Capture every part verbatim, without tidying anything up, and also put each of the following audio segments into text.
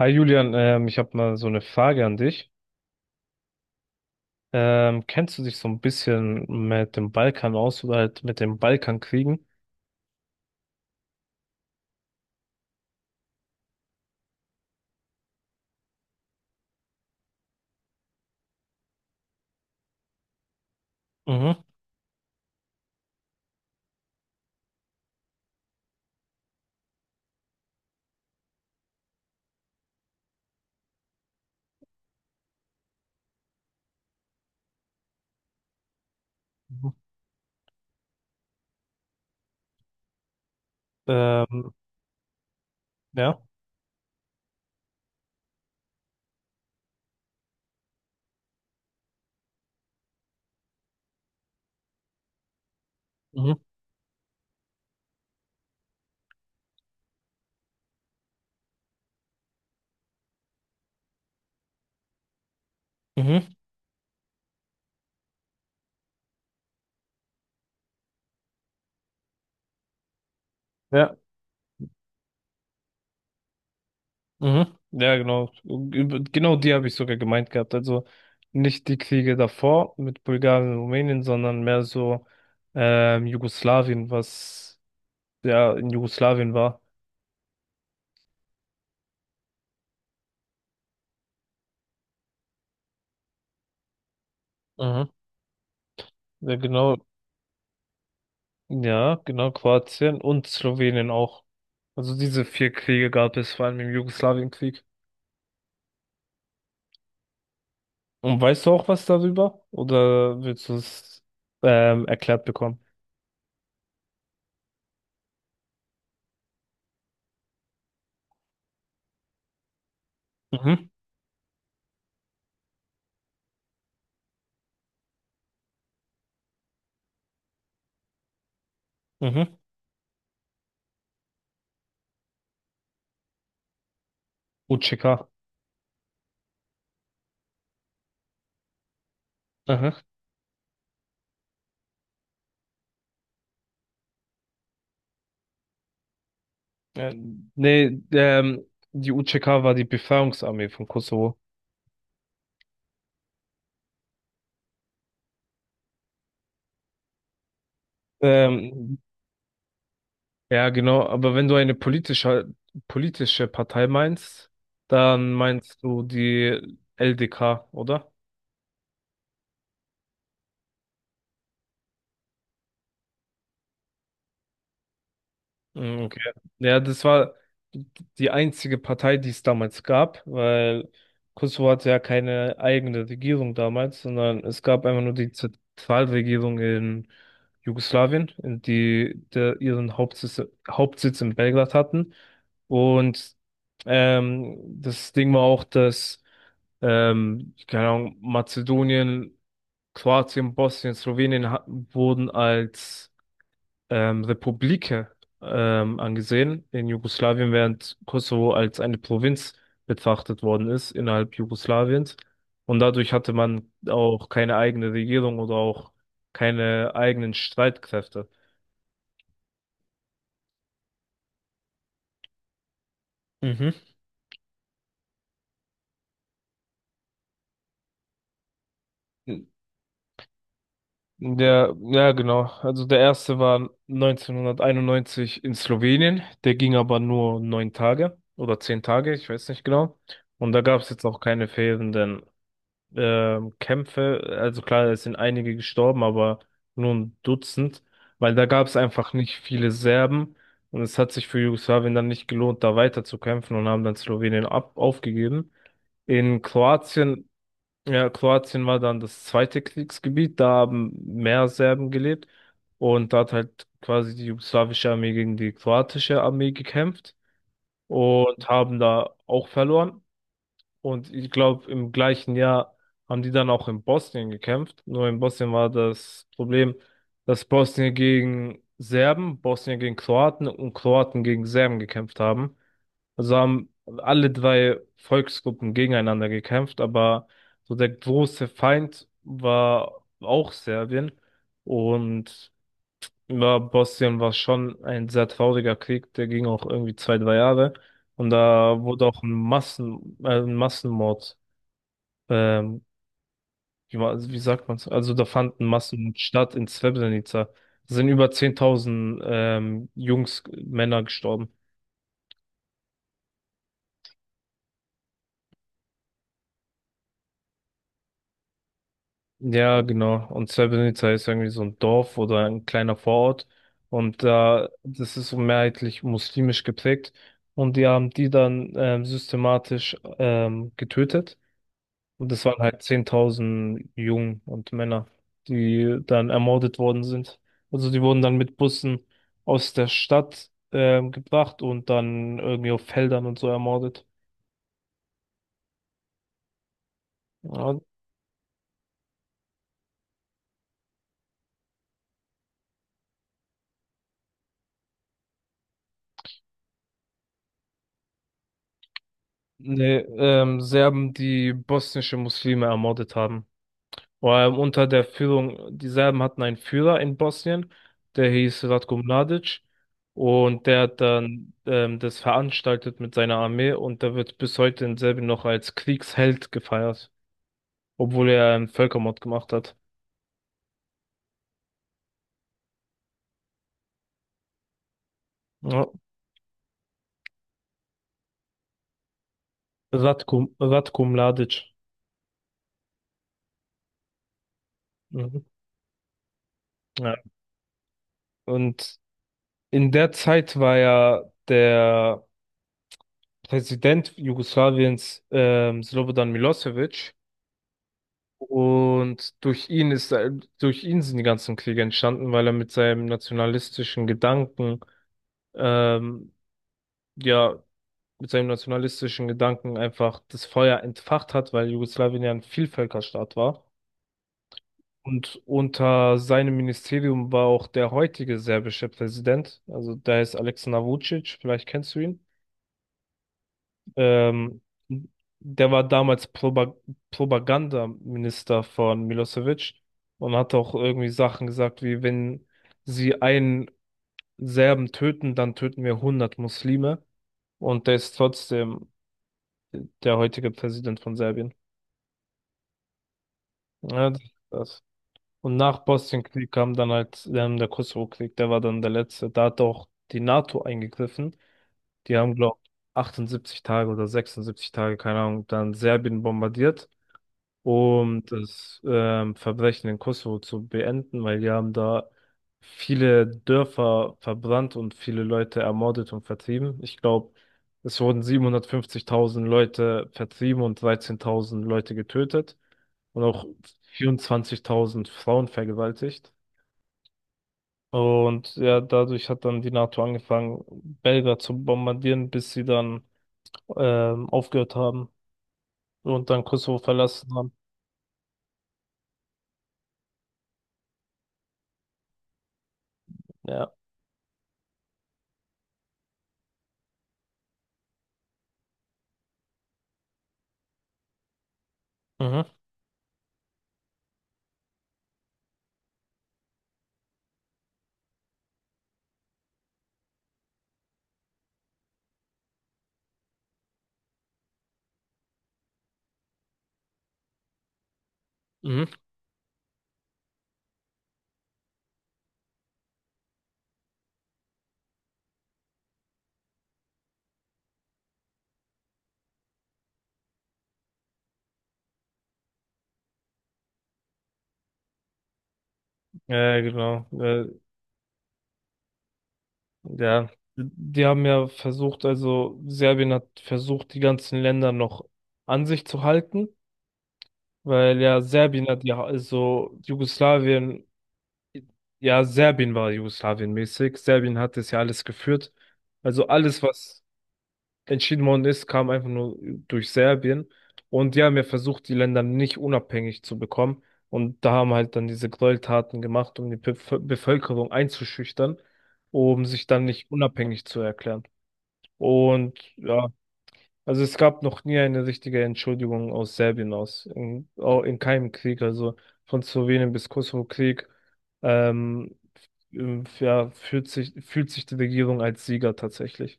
Hi Julian, ähm, ich habe mal so eine Frage an dich. Ähm, kennst du dich so ein bisschen mit dem Balkan aus oder halt mit den Balkankriegen? Mhm. Mhm. Ähm, ja. Mhm. Mhm. Ja. Mhm. Ja, genau. Über- Genau die habe ich sogar gemeint gehabt. Also nicht die Kriege davor mit Bulgarien und Rumänien, sondern mehr so ähm, Jugoslawien, was ja in Jugoslawien war. Mhm. Ja, genau. Ja, genau, Kroatien und Slowenien auch. Also diese vier Kriege gab es, vor allem im Jugoslawienkrieg. Und weißt du auch was darüber? Oder willst du es ähm, erklärt bekommen? Mhm, mhm. U Ç K. Aha. Äh, Nee, ähm, die U Ç K war die Befreiungsarmee von Kosovo. Ähm, ja, genau, aber wenn du eine politische, politische Partei meinst, dann meinst du die L D K, oder? Mm, okay. Ja, das war die einzige Partei, die es damals gab, weil Kosovo hatte ja keine eigene Regierung damals, sondern es gab einfach nur die Zentralregierung in Jugoslawien, in die der ihren Hauptsitz, Hauptsitz in Belgrad hatten. Und ähm, das Ding war auch, dass ähm, keine Ahnung, Mazedonien, Kroatien, Bosnien, Slowenien ha- wurden als ähm, Republike ähm, angesehen in Jugoslawien, während Kosovo als eine Provinz betrachtet worden ist innerhalb Jugoslawiens. Und dadurch hatte man auch keine eigene Regierung oder auch keine eigenen Streitkräfte. Mhm. Der, ja, genau. Also der erste war neunzehnhunderteinundneunzig in Slowenien. Der ging aber nur neun Tage oder zehn Tage, ich weiß nicht genau. Und da gab es jetzt auch keine fehlenden ähm, Kämpfe, also klar, es sind einige gestorben, aber nur ein Dutzend, weil da gab es einfach nicht viele Serben und es hat sich für Jugoslawien dann nicht gelohnt, da weiter zu kämpfen und haben dann Slowenien ab aufgegeben. In Kroatien, ja, Kroatien war dann das zweite Kriegsgebiet, da haben mehr Serben gelebt und da hat halt quasi die jugoslawische Armee gegen die kroatische Armee gekämpft und haben da auch verloren. Und ich glaube, im gleichen Jahr haben die dann auch in Bosnien gekämpft. Nur in Bosnien war das Problem, dass Bosnien gegen Serben, Bosnien gegen Kroaten und Kroaten gegen Serben gekämpft haben. Also haben alle drei Volksgruppen gegeneinander gekämpft, aber so der große Feind war auch Serbien. Und ja, Bosnien war schon ein sehr trauriger Krieg, der ging auch irgendwie zwei, drei Jahre. Und da wurde auch ein Massen, äh, ein Massenmord, ähm, wie, war- wie sagt man's? Also da fand ein Massenmord statt in Srebrenica. Da sind über zehntausend ähm, Jungs, Männer gestorben. Ja, genau. Und Srebrenica ist irgendwie so ein Dorf oder ein kleiner Vorort. Und da, das ist so mehrheitlich muslimisch geprägt. Und die haben die dann ähm, systematisch ähm, getötet. Und das waren halt zehntausend Jungen und Männer, die dann ermordet worden sind. Also die wurden dann mit Bussen aus der Stadt ähm, gebracht und dann irgendwie auf Feldern und so ermordet. Ja, nee, ähm, Serben, die bosnische Muslime ermordet haben. Ähm, unter der Führung, die Serben hatten einen Führer in Bosnien, der hieß Ratko Mladic. Und der hat dann ähm, das veranstaltet mit seiner Armee und der wird bis heute in Serbien noch als Kriegsheld gefeiert. Obwohl er einen Völkermord gemacht hat. Ja. Ratko, Ratko Mladic. Mhm. Ja. Und in der Zeit war ja der Präsident Jugoslawiens, ähm, Slobodan Milosevic. Und durch ihn ist, durch ihn sind die ganzen Kriege entstanden, weil er mit seinem nationalistischen Gedanken, ähm, ja, mit seinem nationalistischen Gedanken einfach das Feuer entfacht hat, weil Jugoslawien ja ein Vielvölkerstaat war. Und unter seinem Ministerium war auch der heutige serbische Präsident, also der heißt Aleksandar Vučić, vielleicht kennst du ihn. Ähm, Der war damals Proba Propagandaminister von Milosevic und hat auch irgendwie Sachen gesagt, wie wenn sie einen Serben töten, dann töten wir hundert Muslime. Und der ist trotzdem der heutige Präsident von Serbien. Ja, das, Und nach Bosnienkrieg kam dann halt ähm, der Kosovo-Krieg, der war dann der letzte. Da hat auch die NATO eingegriffen. Die haben, glaube ich, achtundsiebzig Tage oder sechsundsiebzig Tage, keine Ahnung, dann Serbien bombardiert, um das ähm, Verbrechen in Kosovo zu beenden, weil die haben da viele Dörfer verbrannt und viele Leute ermordet und vertrieben. Ich glaube, es wurden siebenhundertfünfzigtausend Leute vertrieben und dreizehntausend Leute getötet und auch vierundzwanzigtausend Frauen vergewaltigt. Und ja, dadurch hat dann die NATO angefangen, Belgrad zu bombardieren, bis sie dann ähm, aufgehört haben und dann Kosovo verlassen haben. Ja. Mhm. Mhm. Ja, ja, genau. Äh, ja, die haben ja versucht, also Serbien hat versucht, die ganzen Länder noch an sich zu halten, weil ja Serbien hat ja, also Jugoslawien, ja, Serbien war Jugoslawien mäßig. Serbien hat das ja alles geführt. Also alles, was entschieden worden ist, kam einfach nur durch Serbien. Und die haben ja versucht, die Länder nicht unabhängig zu bekommen. Und da haben halt dann diese Gräueltaten gemacht, um die Bevö- Bevölkerung einzuschüchtern, um sich dann nicht unabhängig zu erklären. Und ja, also es gab noch nie eine richtige Entschuldigung aus Serbien aus, in, auch in keinem Krieg, also von Slowenien bis Kosovo-Krieg. Ähm, f- ja, fühlt sich, fühlt sich die Regierung als Sieger tatsächlich.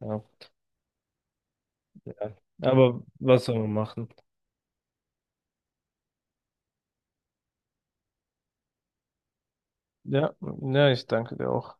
Ja. Ja. Aber was soll man machen? Ja, ja, ich danke dir auch.